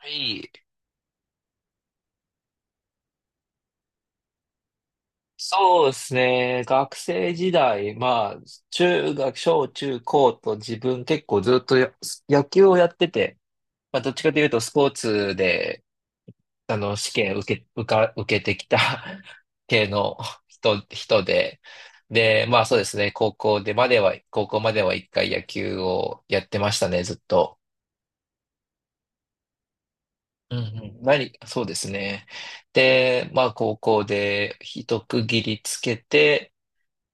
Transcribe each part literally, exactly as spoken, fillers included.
はい。そうですね。学生時代、まあ、中学、小中高と自分結構ずっとや野球をやってて、まあ、どっちかというとスポーツで、あの、試験受け、受か、受けてきた 系の人、人で、で、まあそうですね。高校でまでは、高校までは一回野球をやってましたね、ずっと。うんうん。何、そうですね。で、まあ高校で一区切りつけて、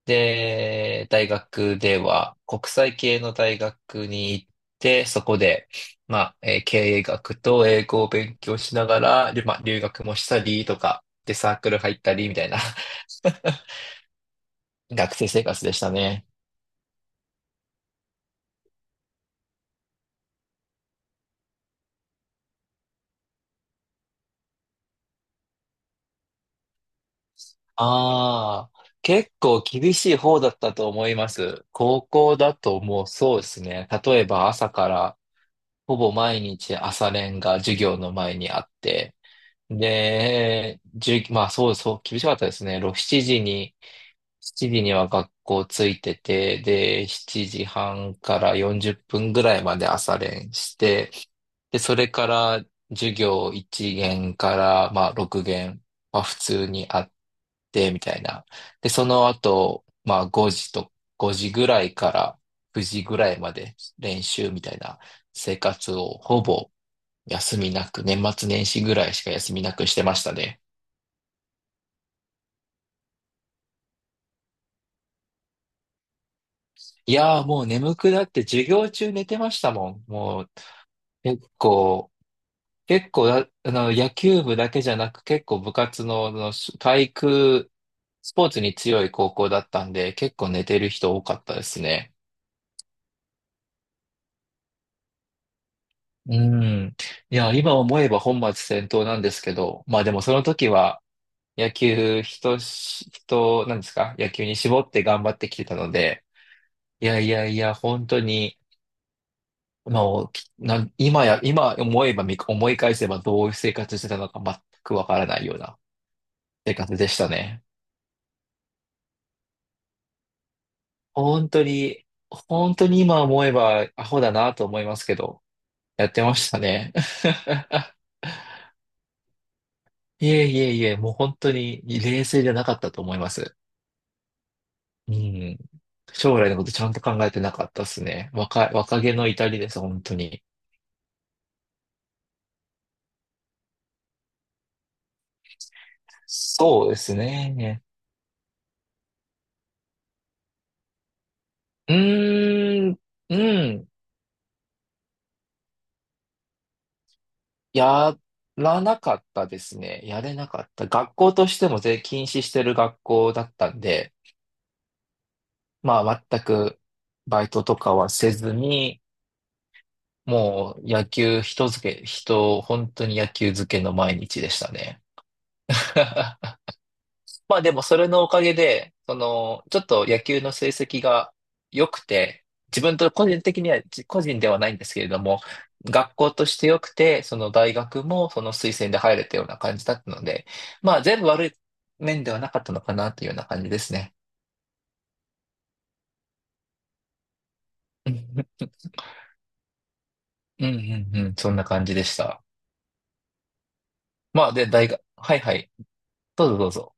で、大学では国際系の大学に行って、そこで、まあ、えー経営学と英語を勉強しながら、りまあ、留学もしたりとか、で、サークル入ったりみたいな 学生生活でしたね。ああ、結構厳しい方だったと思います。高校だともうそうですね。例えば朝からほぼ毎日朝練が授業の前にあって、で、じゅう、まあそうそう、厳しかったですね。ろく、しちじに、しちじには学校ついてて、で、しちじはんからよんじゅっぷんぐらいまで朝練して、で、それから授業いちげん限から、まあろくげん限は普通にあって、みたいな。で、その後、まあ5時と、ごじぐらいからくじぐらいまで練習みたいな生活をほぼ休みなく、年末年始ぐらいしか休みなくしてましたね。いやーもう眠くなって授業中寝てましたもん。もう結構、結構だ、あの、野球部だけじゃなく結構部活の、あの、体育、スポーツに強い高校だったんで、結構寝てる人多かったですね。うん。いや、今思えば本末転倒なんですけど、まあでもその時は野球、人し、人、なんですか野球に絞って頑張ってきてたので、いやいやいや、本当に、まあ、きな、今や、今思えば見、思い返せばどういう生活してたのか全くわからないような生活でしたね。本当に、本当に今思えばアホだなと思いますけど、やってましたね。いえいえいえ、もう本当に冷静じゃなかったと思います。うん。将来のことちゃんと考えてなかったですね。若い、若気の至りです、本当に。そうですね。うーん、うん。やらなかったですね。やれなかった。学校としても全禁止してる学校だったんで、まあ全くバイトとかはせずに、もう野球人付け、人、本当に野球漬けの毎日でしたね。まあでもそれのおかげで、その、ちょっと野球の成績が良くて、自分と個人的には、じ個人ではないんですけれども、学校として良くて、その大学もその推薦で入れたような感じだったので、まあ全部悪い面ではなかったのかなというような感じですね。うんうんうんうん、そんな感じでした。まあで、大学、はいはい、どうぞどうぞ。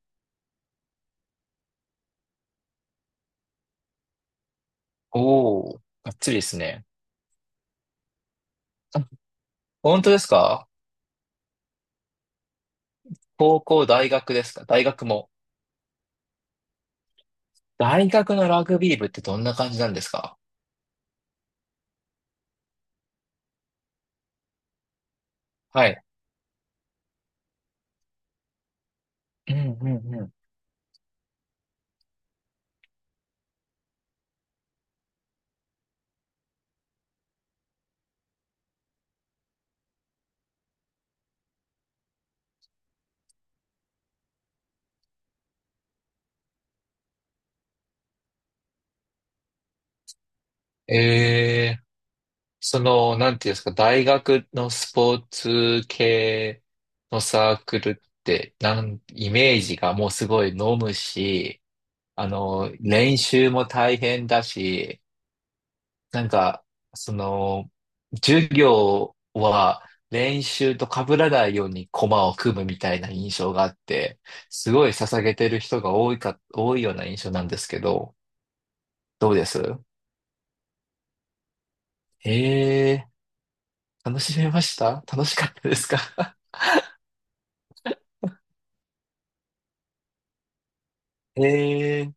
おー、がっつりですね。あ、本当ですか？高校、大学ですか？大学も？大学のラグビー部ってどんな感じなんですか？はい。うんうんうん。ええ、その、なんていうんですか、大学のスポーツ系のサークルって、なん、イメージがもうすごい飲むし、あの、練習も大変だし、なんか、その、授業は練習と被らないように駒を組むみたいな印象があって、すごい捧げてる人が多いか、多いような印象なんですけど、どうです？ええー、楽しめました楽しかったですか？ ええー、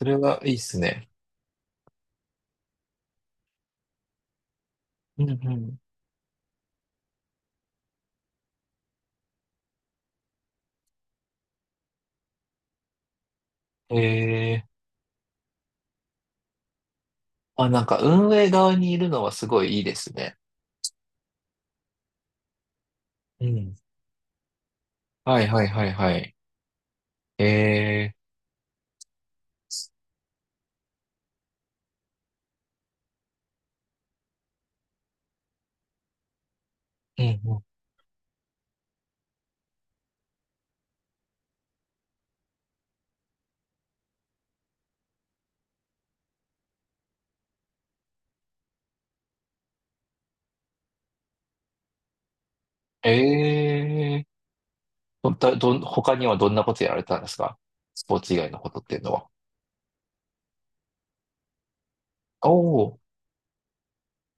それはいいっすね。うんうん。ええー、あ、なんか運営側にいるのはすごいいいですね。うん。はいはいはいはい。ええー、うんうん。ええー、どんとどん、他にはどんなことやられたんですか？スポーツ以外のことっていうのは。おー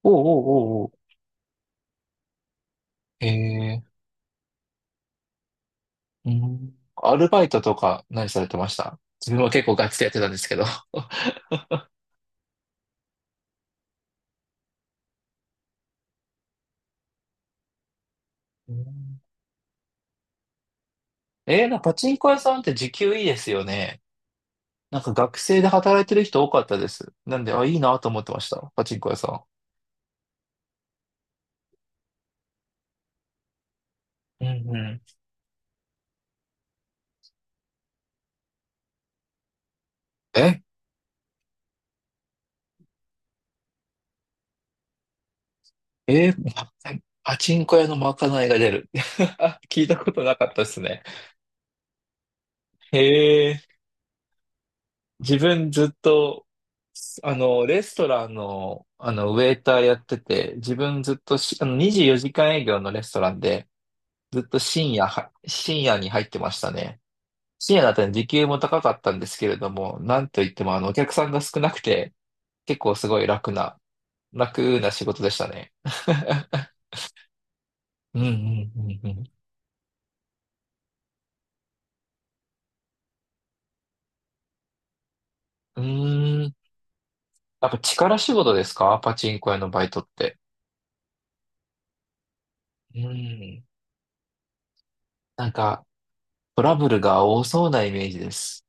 おーおーおーおーえー、うん。アルバイトとか何されてました？自分は結構ガチでやってたんですけど。うんえー、な、パチンコ屋さんって時給いいですよね。なんか学生で働いてる人多かったです。なんで、あ、いいなと思ってました。パチンコ屋さん。うんうん。ええー、ま、 パチンコ屋のまかないが出る？聞いたことなかったですね。へえ。自分ずっと、あの、レストランの、あの、ウェイターやってて、自分ずっとし、あの、にじゅうよじかん営業のレストランで、ずっと深夜は、深夜に入ってましたね。深夜だったら時給も高かったんですけれども、なんといっても、あの、お客さんが少なくて、結構すごい楽な、楽な仕事でしたね。うんうんうんうん。うーん。やっぱ力仕事ですか？パチンコ屋のバイトって。うん。なんか、トラブルが多そうなイメージです。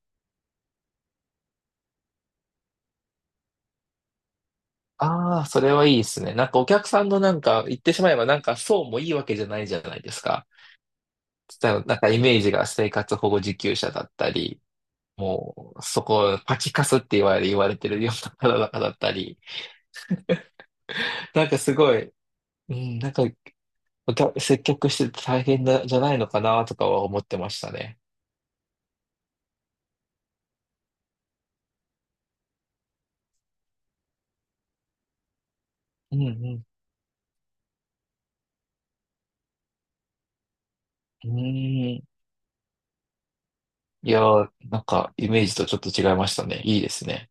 ああ、それはいいですね。なんかお客さんのなんか言ってしまえばなんかそうもいいわけじゃないじゃないですか。例えばなんかイメージが生活保護受給者だったり、もうそこパチカスって言われ、言われてるような方々だったり、なんかすごい、うん、なんかお客接客してて大変だ、じゃないのかなとかは思ってましたね。うんうん。うん。いやー、なんかイメージとちょっと違いましたね。いいですね。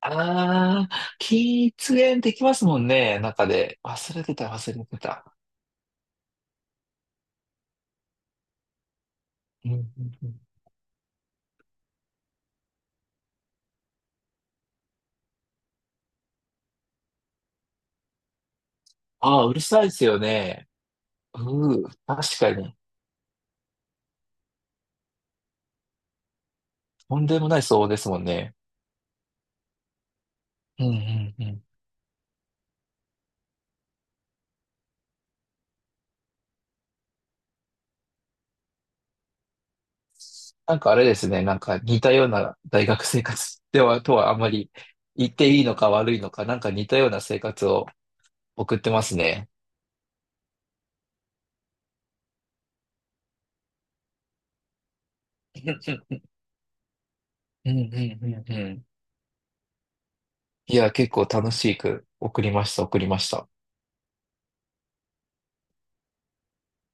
ああ、喫煙できますもんね、中で。忘れてた、忘れてた。うんうんうん、ああ、うるさいですよね。うー、確かに。とんでもない騒音ですもんね。うんうんうん。なんかあれですね、なんか似たような大学生活では、とはあんまり言っていいのか悪いのか、なんか似たような生活を送ってますね。うんうんうんうん。いや、結構楽しく送りました、送りました。